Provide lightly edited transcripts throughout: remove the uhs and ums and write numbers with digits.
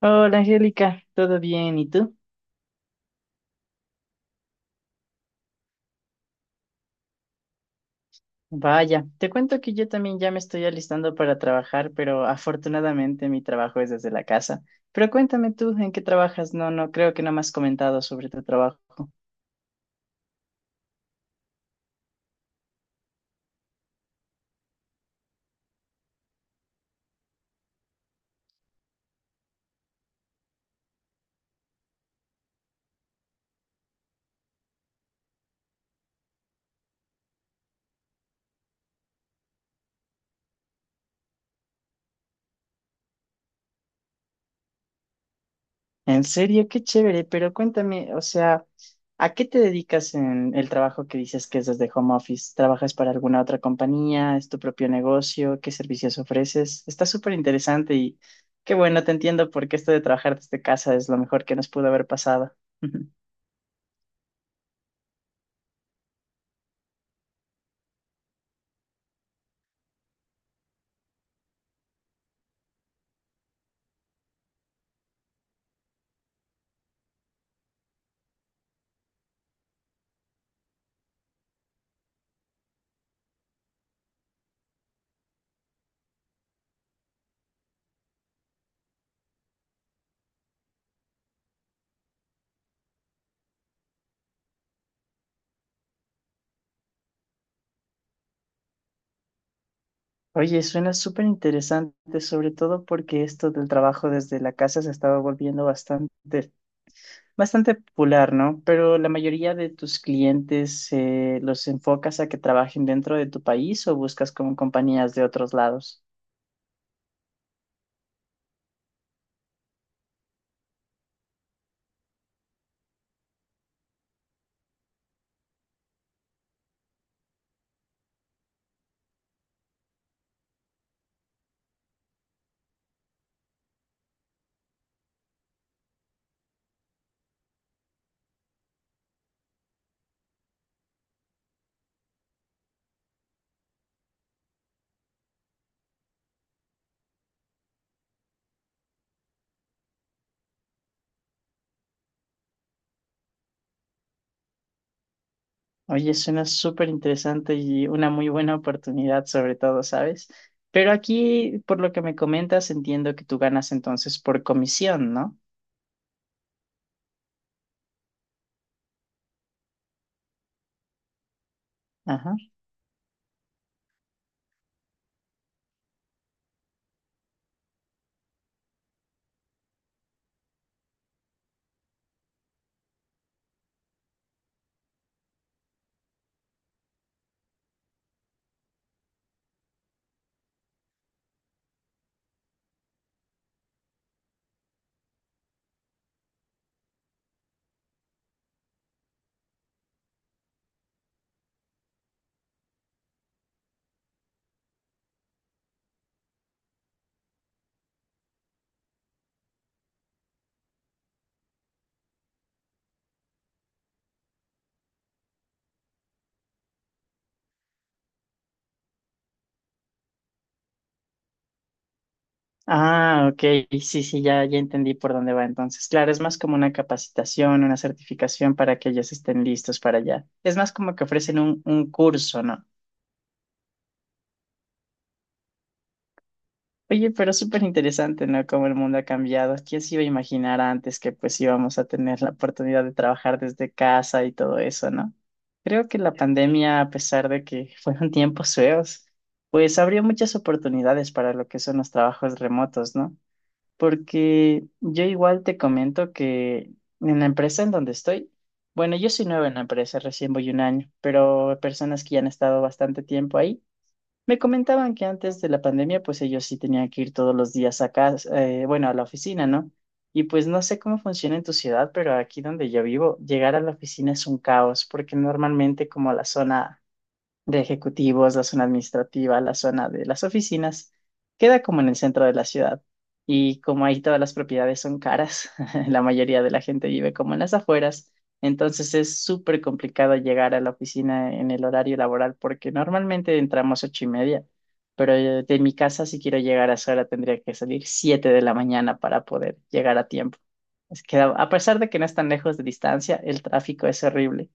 Hola Angélica, ¿todo bien? ¿Y tú? Vaya, te cuento que yo también ya me estoy alistando para trabajar, pero afortunadamente mi trabajo es desde la casa. Pero cuéntame tú, ¿en qué trabajas? No, no, creo que no me has comentado sobre tu trabajo. En serio, qué chévere, pero cuéntame, o sea, ¿a qué te dedicas en el trabajo que dices que es desde home office? ¿Trabajas para alguna otra compañía? ¿Es tu propio negocio? ¿Qué servicios ofreces? Está súper interesante y qué bueno, te entiendo porque esto de trabajar desde casa es lo mejor que nos pudo haber pasado. Oye, suena súper interesante, sobre todo porque esto del trabajo desde la casa se estaba volviendo bastante bastante popular, ¿no? Pero la mayoría de tus clientes los enfocas a que trabajen dentro de tu país o buscas como compañías de otros lados. Oye, suena súper interesante y una muy buena oportunidad, sobre todo, ¿sabes? Pero aquí, por lo que me comentas, entiendo que tú ganas entonces por comisión, ¿no? Ajá. Ah, ok. Sí, sí, ya, ya entendí por dónde va entonces. Claro, es más como una capacitación, una certificación para que ellos estén listos para allá. Es más como que ofrecen un curso, ¿no? Oye, pero súper interesante, ¿no? Cómo el mundo ha cambiado. ¿Quién se iba a imaginar antes que pues íbamos a tener la oportunidad de trabajar desde casa y todo eso, ¿no? Creo que la pandemia, a pesar de que fueron tiempos feos, pues abrió muchas oportunidades para lo que son los trabajos remotos, ¿no? Porque yo igual te comento que en la empresa en donde estoy, bueno, yo soy nueva en la empresa, recién voy un año, pero personas que ya han estado bastante tiempo ahí, me comentaban que antes de la pandemia, pues ellos sí tenían que ir todos los días a casa, bueno, a la oficina, ¿no? Y pues no sé cómo funciona en tu ciudad, pero aquí donde yo vivo, llegar a la oficina es un caos, porque normalmente como la zona de ejecutivos, la zona administrativa, la zona de las oficinas, queda como en el centro de la ciudad. Y como ahí todas las propiedades son caras, la mayoría de la gente vive como en las afueras, entonces es súper complicado llegar a la oficina en el horario laboral porque normalmente entramos ocho y media, pero de mi casa si quiero llegar a esa hora tendría que salir siete de la mañana para poder llegar a tiempo. Es que a pesar de que no es tan lejos de distancia, el tráfico es horrible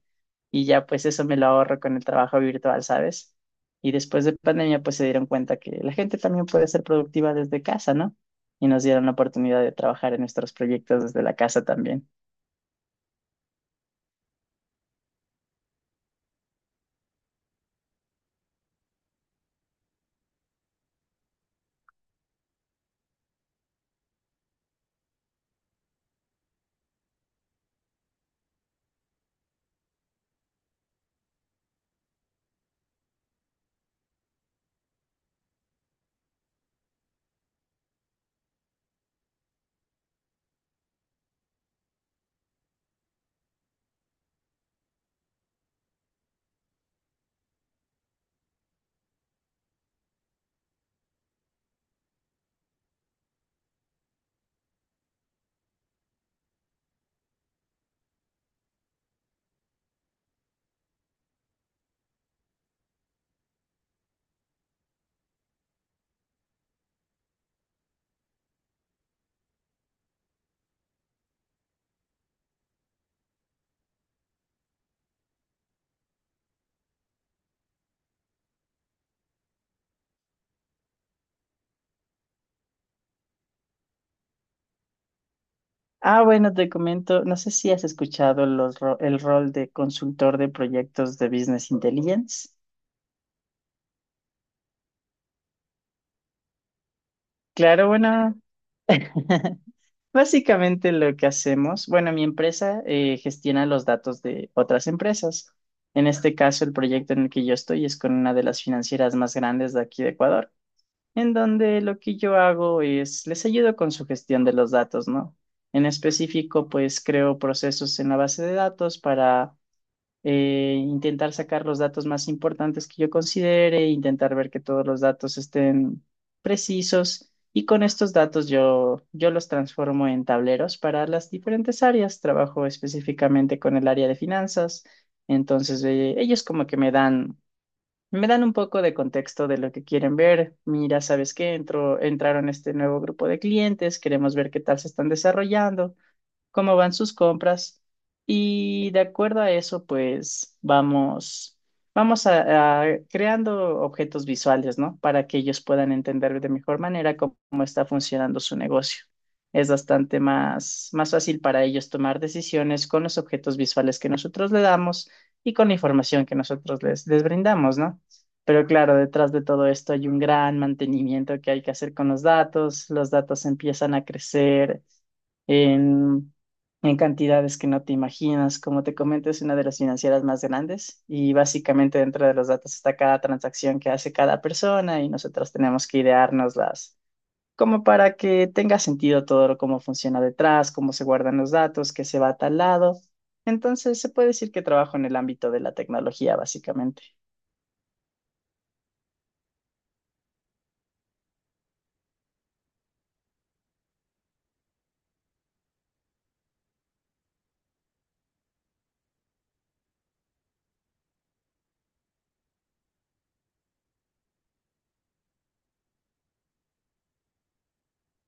y ya pues eso me lo ahorro con el trabajo virtual, ¿sabes? Y después de pandemia pues se dieron cuenta que la gente también puede ser productiva desde casa, ¿no? Y nos dieron la oportunidad de trabajar en nuestros proyectos desde la casa también. Ah, bueno, te comento, no sé si has escuchado el rol de consultor de proyectos de Business Intelligence. Claro, bueno. Básicamente lo que hacemos, bueno, mi empresa gestiona los datos de otras empresas. En este caso, el proyecto en el que yo estoy es con una de las financieras más grandes de aquí de Ecuador, en donde lo que yo hago es les ayudo con su gestión de los datos, ¿no? En específico, pues creo procesos en la base de datos para intentar sacar los datos más importantes que yo considere, intentar ver que todos los datos estén precisos y con estos datos yo los transformo en tableros para las diferentes áreas. Trabajo específicamente con el área de finanzas, entonces ellos como que me dan... Me dan un poco de contexto de lo que quieren ver. Mira, ¿sabes qué? Entraron este nuevo grupo de clientes, queremos ver qué tal se están desarrollando cómo van sus compras y de acuerdo a eso, pues vamos, vamos a creando objetos visuales, ¿no? Para que ellos puedan entender de mejor manera cómo está funcionando su negocio. Es bastante más fácil para ellos tomar decisiones con los objetos visuales que nosotros le damos y con la información que nosotros les brindamos, ¿no? Pero claro, detrás de todo esto hay un gran mantenimiento que hay que hacer con los datos. Los datos empiezan a crecer en, en cantidades que no te imaginas. Como te comento, es una de las financieras más grandes y básicamente dentro de los datos está cada transacción que hace cada persona y nosotros tenemos que ideárnoslas como para que tenga sentido cómo funciona detrás, cómo se guardan los datos, qué se va a tal lado. Entonces, se puede decir que trabajo en el ámbito de la tecnología, básicamente.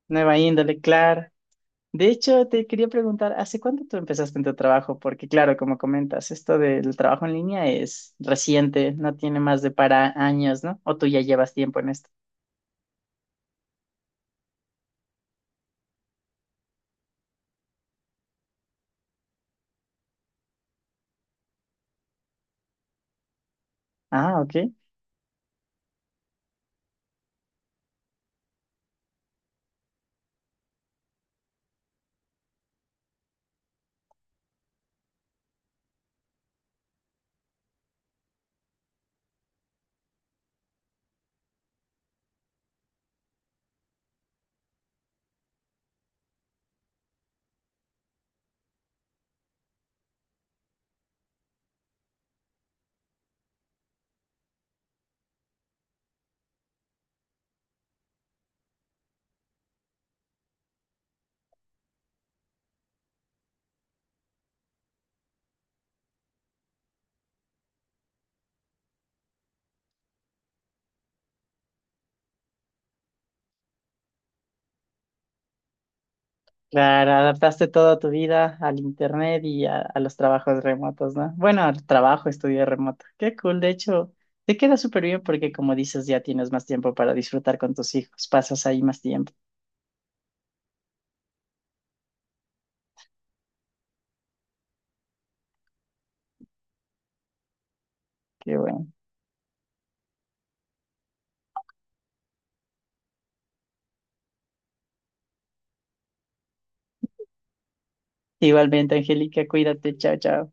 Nueva índole, claro. De hecho, te quería preguntar, ¿hace cuánto tú empezaste en tu trabajo? Porque claro, como comentas, esto del trabajo en línea es reciente, no tiene más de para años, ¿no? O tú ya llevas tiempo en esto. Ah, ok. Claro, adaptaste toda tu vida al internet y a los trabajos remotos, ¿no? Bueno, al trabajo, estudio remoto. Qué cool, de hecho, te queda súper bien porque como dices, ya tienes más tiempo para disfrutar con tus hijos, pasas ahí más tiempo. Qué bueno. Igualmente, Angélica, cuídate, chao, chao.